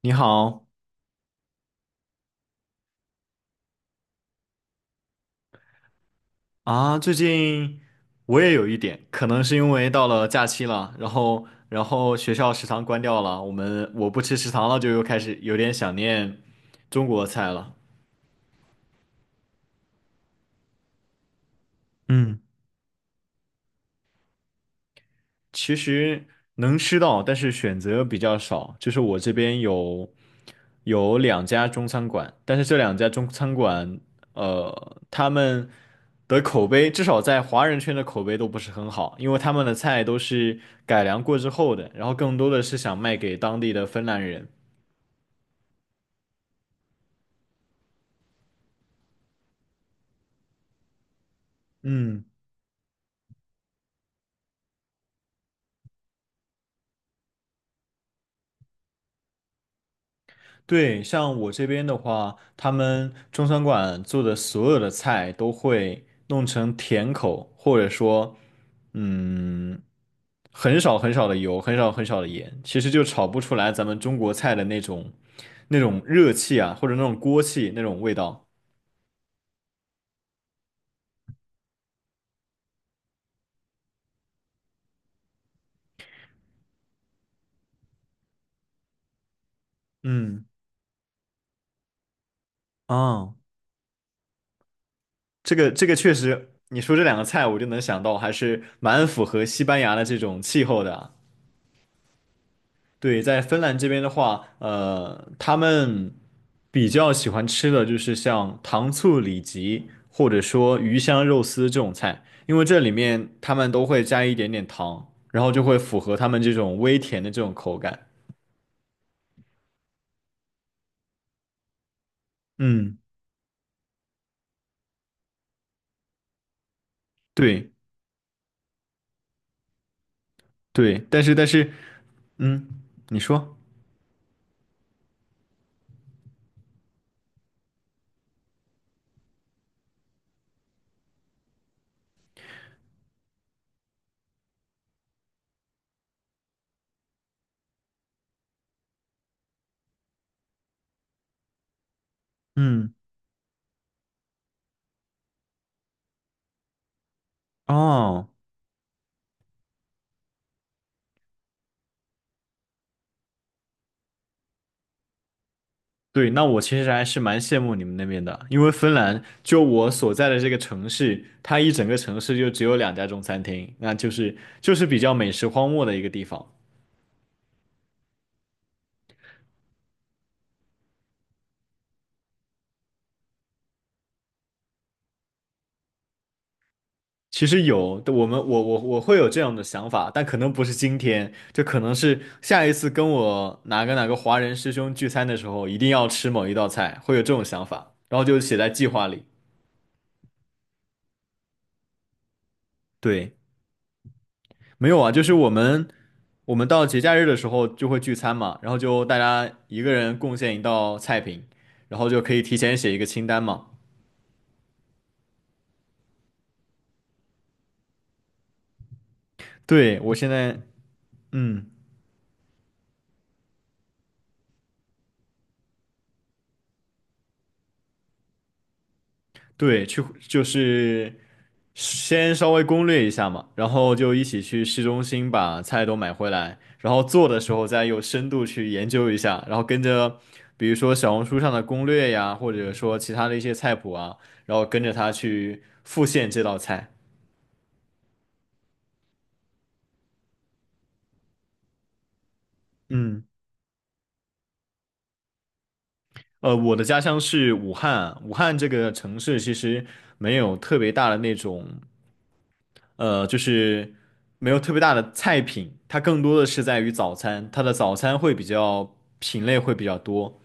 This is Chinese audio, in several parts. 你好啊，最近我也有一点，可能是因为到了假期了，然后学校食堂关掉了，我不吃食堂了，就又开始有点想念中国菜了。嗯。其实能吃到，但是选择比较少。就是我这边有两家中餐馆，但是这两家中餐馆，他们的口碑至少在华人圈的口碑都不是很好，因为他们的菜都是改良过之后的，然后更多的是想卖给当地的芬兰人。嗯。对，像我这边的话，他们中餐馆做的所有的菜都会弄成甜口，或者说，嗯，很少很少的油，很少很少的盐，其实就炒不出来咱们中国菜的那种那种热气啊，或者那种锅气那种味道。嗯，啊，这个这个确实，你说这两个菜，我就能想到，还是蛮符合西班牙的这种气候的啊。对，在芬兰这边的话，他们比较喜欢吃的就是像糖醋里脊，或者说鱼香肉丝这种菜，因为这里面他们都会加一点点糖，然后就会符合他们这种微甜的这种口感。嗯，对对，但是，嗯，你说，嗯，哦。对，那我其实还是蛮羡慕你们那边的，因为芬兰就我所在的这个城市，它一整个城市就只有两家中餐厅，那就是比较美食荒漠的一个地方。其实有，我们我我我会有这样的想法，但可能不是今天，就可能是下一次跟我哪个华人师兄聚餐的时候，一定要吃某一道菜，会有这种想法，然后就写在计划里。对。没有啊，就是我们到节假日的时候就会聚餐嘛，然后就大家一个人贡献一道菜品，然后就可以提前写一个清单嘛。对，我现在，嗯，对，去就是先稍微攻略一下嘛，然后就一起去市中心把菜都买回来，然后做的时候再有深度去研究一下，然后跟着比如说小红书上的攻略呀，或者说其他的一些菜谱啊，然后跟着他去复现这道菜。嗯。我的家乡是武汉，武汉这个城市其实没有特别大的那种，呃，就是没有特别大的菜品，它更多的是在于早餐，它的早餐会比较品类会比较多。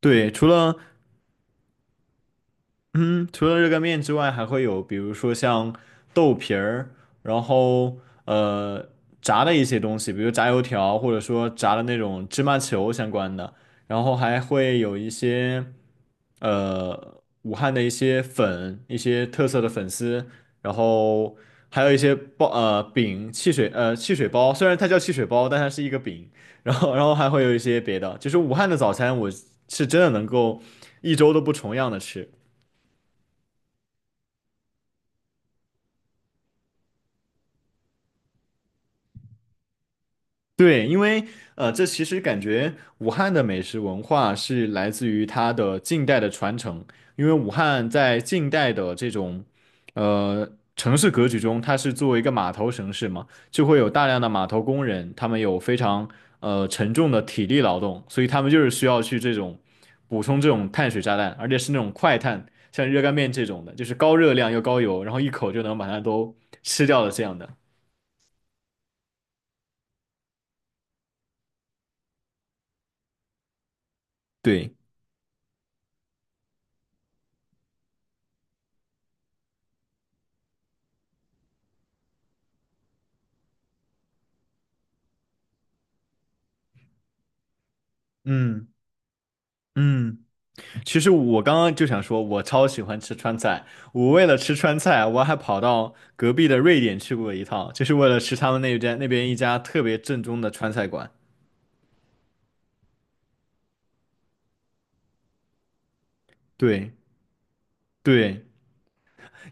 对，除了嗯，除了热干面之外，还会有比如说像豆皮儿，然后呃炸的一些东西，比如炸油条，或者说炸的那种芝麻球相关的，然后还会有一些武汉的一些粉，一些特色的粉丝，然后还有一些包饼、汽水汽水包，虽然它叫汽水包，但它是一个饼，然后还会有一些别的，就是武汉的早餐，我是真的能够一周都不重样的吃。对，因为这其实感觉武汉的美食文化是来自于它的近代的传承，因为武汉在近代的这种呃城市格局中，它是作为一个码头城市嘛，就会有大量的码头工人，他们有非常沉重的体力劳动，所以他们就是需要去这种补充这种碳水炸弹，而且是那种快碳，像热干面这种的，就是高热量又高油，然后一口就能把它都吃掉的这样的。对，嗯嗯。其实我刚刚就想说，我超喜欢吃川菜。我为了吃川菜，我还跑到隔壁的瑞典去过一趟，就是为了吃他们那边一家特别正宗的川菜馆。对对，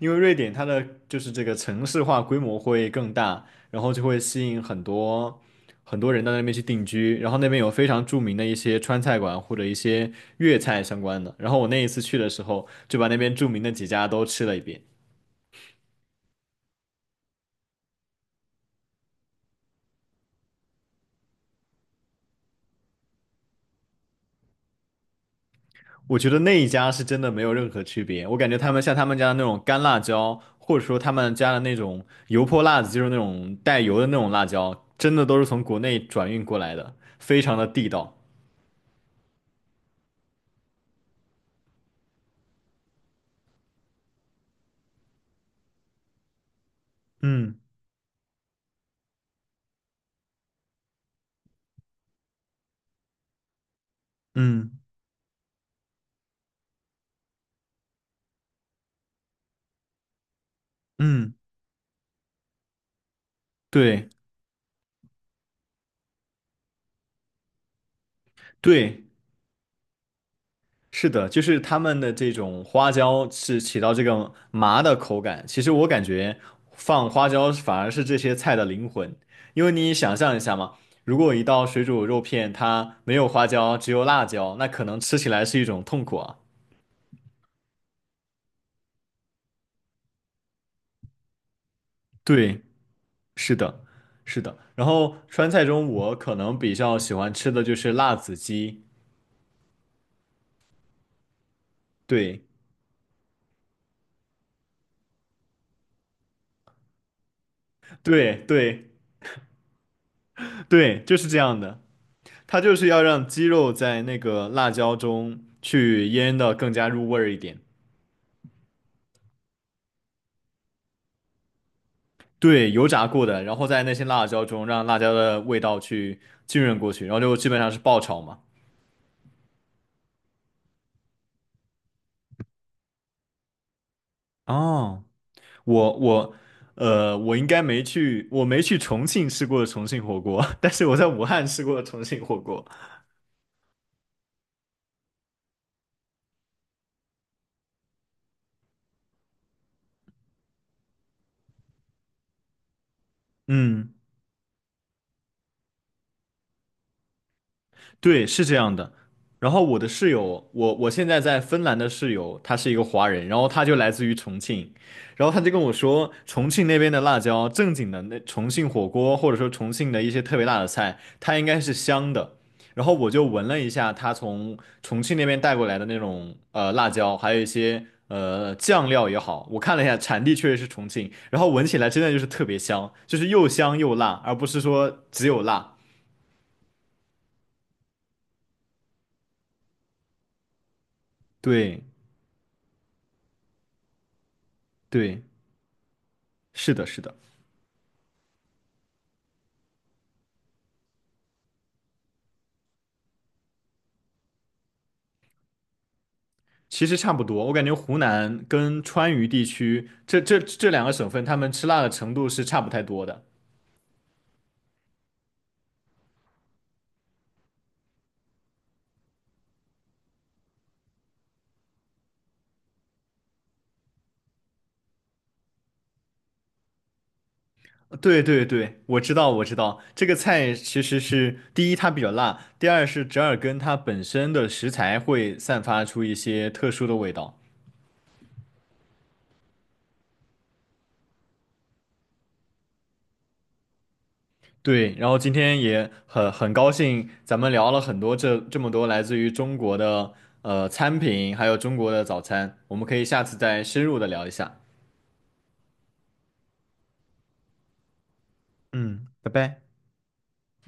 因为瑞典它的就是这个城市化规模会更大，然后就会吸引很多人到那边去定居，然后那边有非常著名的一些川菜馆或者一些粤菜相关的。然后我那一次去的时候，就把那边著名的几家都吃了一遍。我觉得那一家是真的没有任何区别，我感觉他们像他们家的那种干辣椒，或者说他们家的那种油泼辣子，就是那种带油的那种辣椒，真的都是从国内转运过来的，非常的地道。嗯嗯嗯，对对，是的，就是他们的这种花椒是起到这个麻的口感。其实我感觉放花椒反而是这些菜的灵魂，因为你想象一下嘛，如果一道水煮肉片它没有花椒，只有辣椒，那可能吃起来是一种痛苦啊。对，是的，是的。然后川菜中，我可能比较喜欢吃的就是辣子鸡。对，对，对，对，就是这样的。它就是要让鸡肉在那个辣椒中去腌的更加入味儿一点。对，油炸过的，然后在那些辣椒中让辣椒的味道去浸润过去，然后就基本上是爆炒嘛。哦，我我应该没去，我没去重庆吃过重庆火锅，但是我在武汉吃过重庆火锅。嗯。对，是这样的。然后我的室友，我现在在芬兰的室友，他是一个华人，然后他就来自于重庆，然后他就跟我说，重庆那边的辣椒，正经的那重庆火锅，或者说重庆的一些特别辣的菜，它应该是香的。然后我就闻了一下他从重庆那边带过来的那种辣椒，还有一些酱料也好，我看了一下，产地确实是重庆，然后闻起来真的就是特别香，就是又香又辣，而不是说只有辣。对对。是的，是的，其实差不多。我感觉湖南跟川渝地区这两个省份，他们吃辣的程度是差不太多的。对对对，我知道，我知道，这个菜其实是第一它比较辣，第二是折耳根它本身的食材会散发出一些特殊的味道。对，然后今天也很高兴，咱们聊了很多这么多来自于中国的餐品，还有中国的早餐，我们可以下次再深入的聊一下。嗯，拜拜。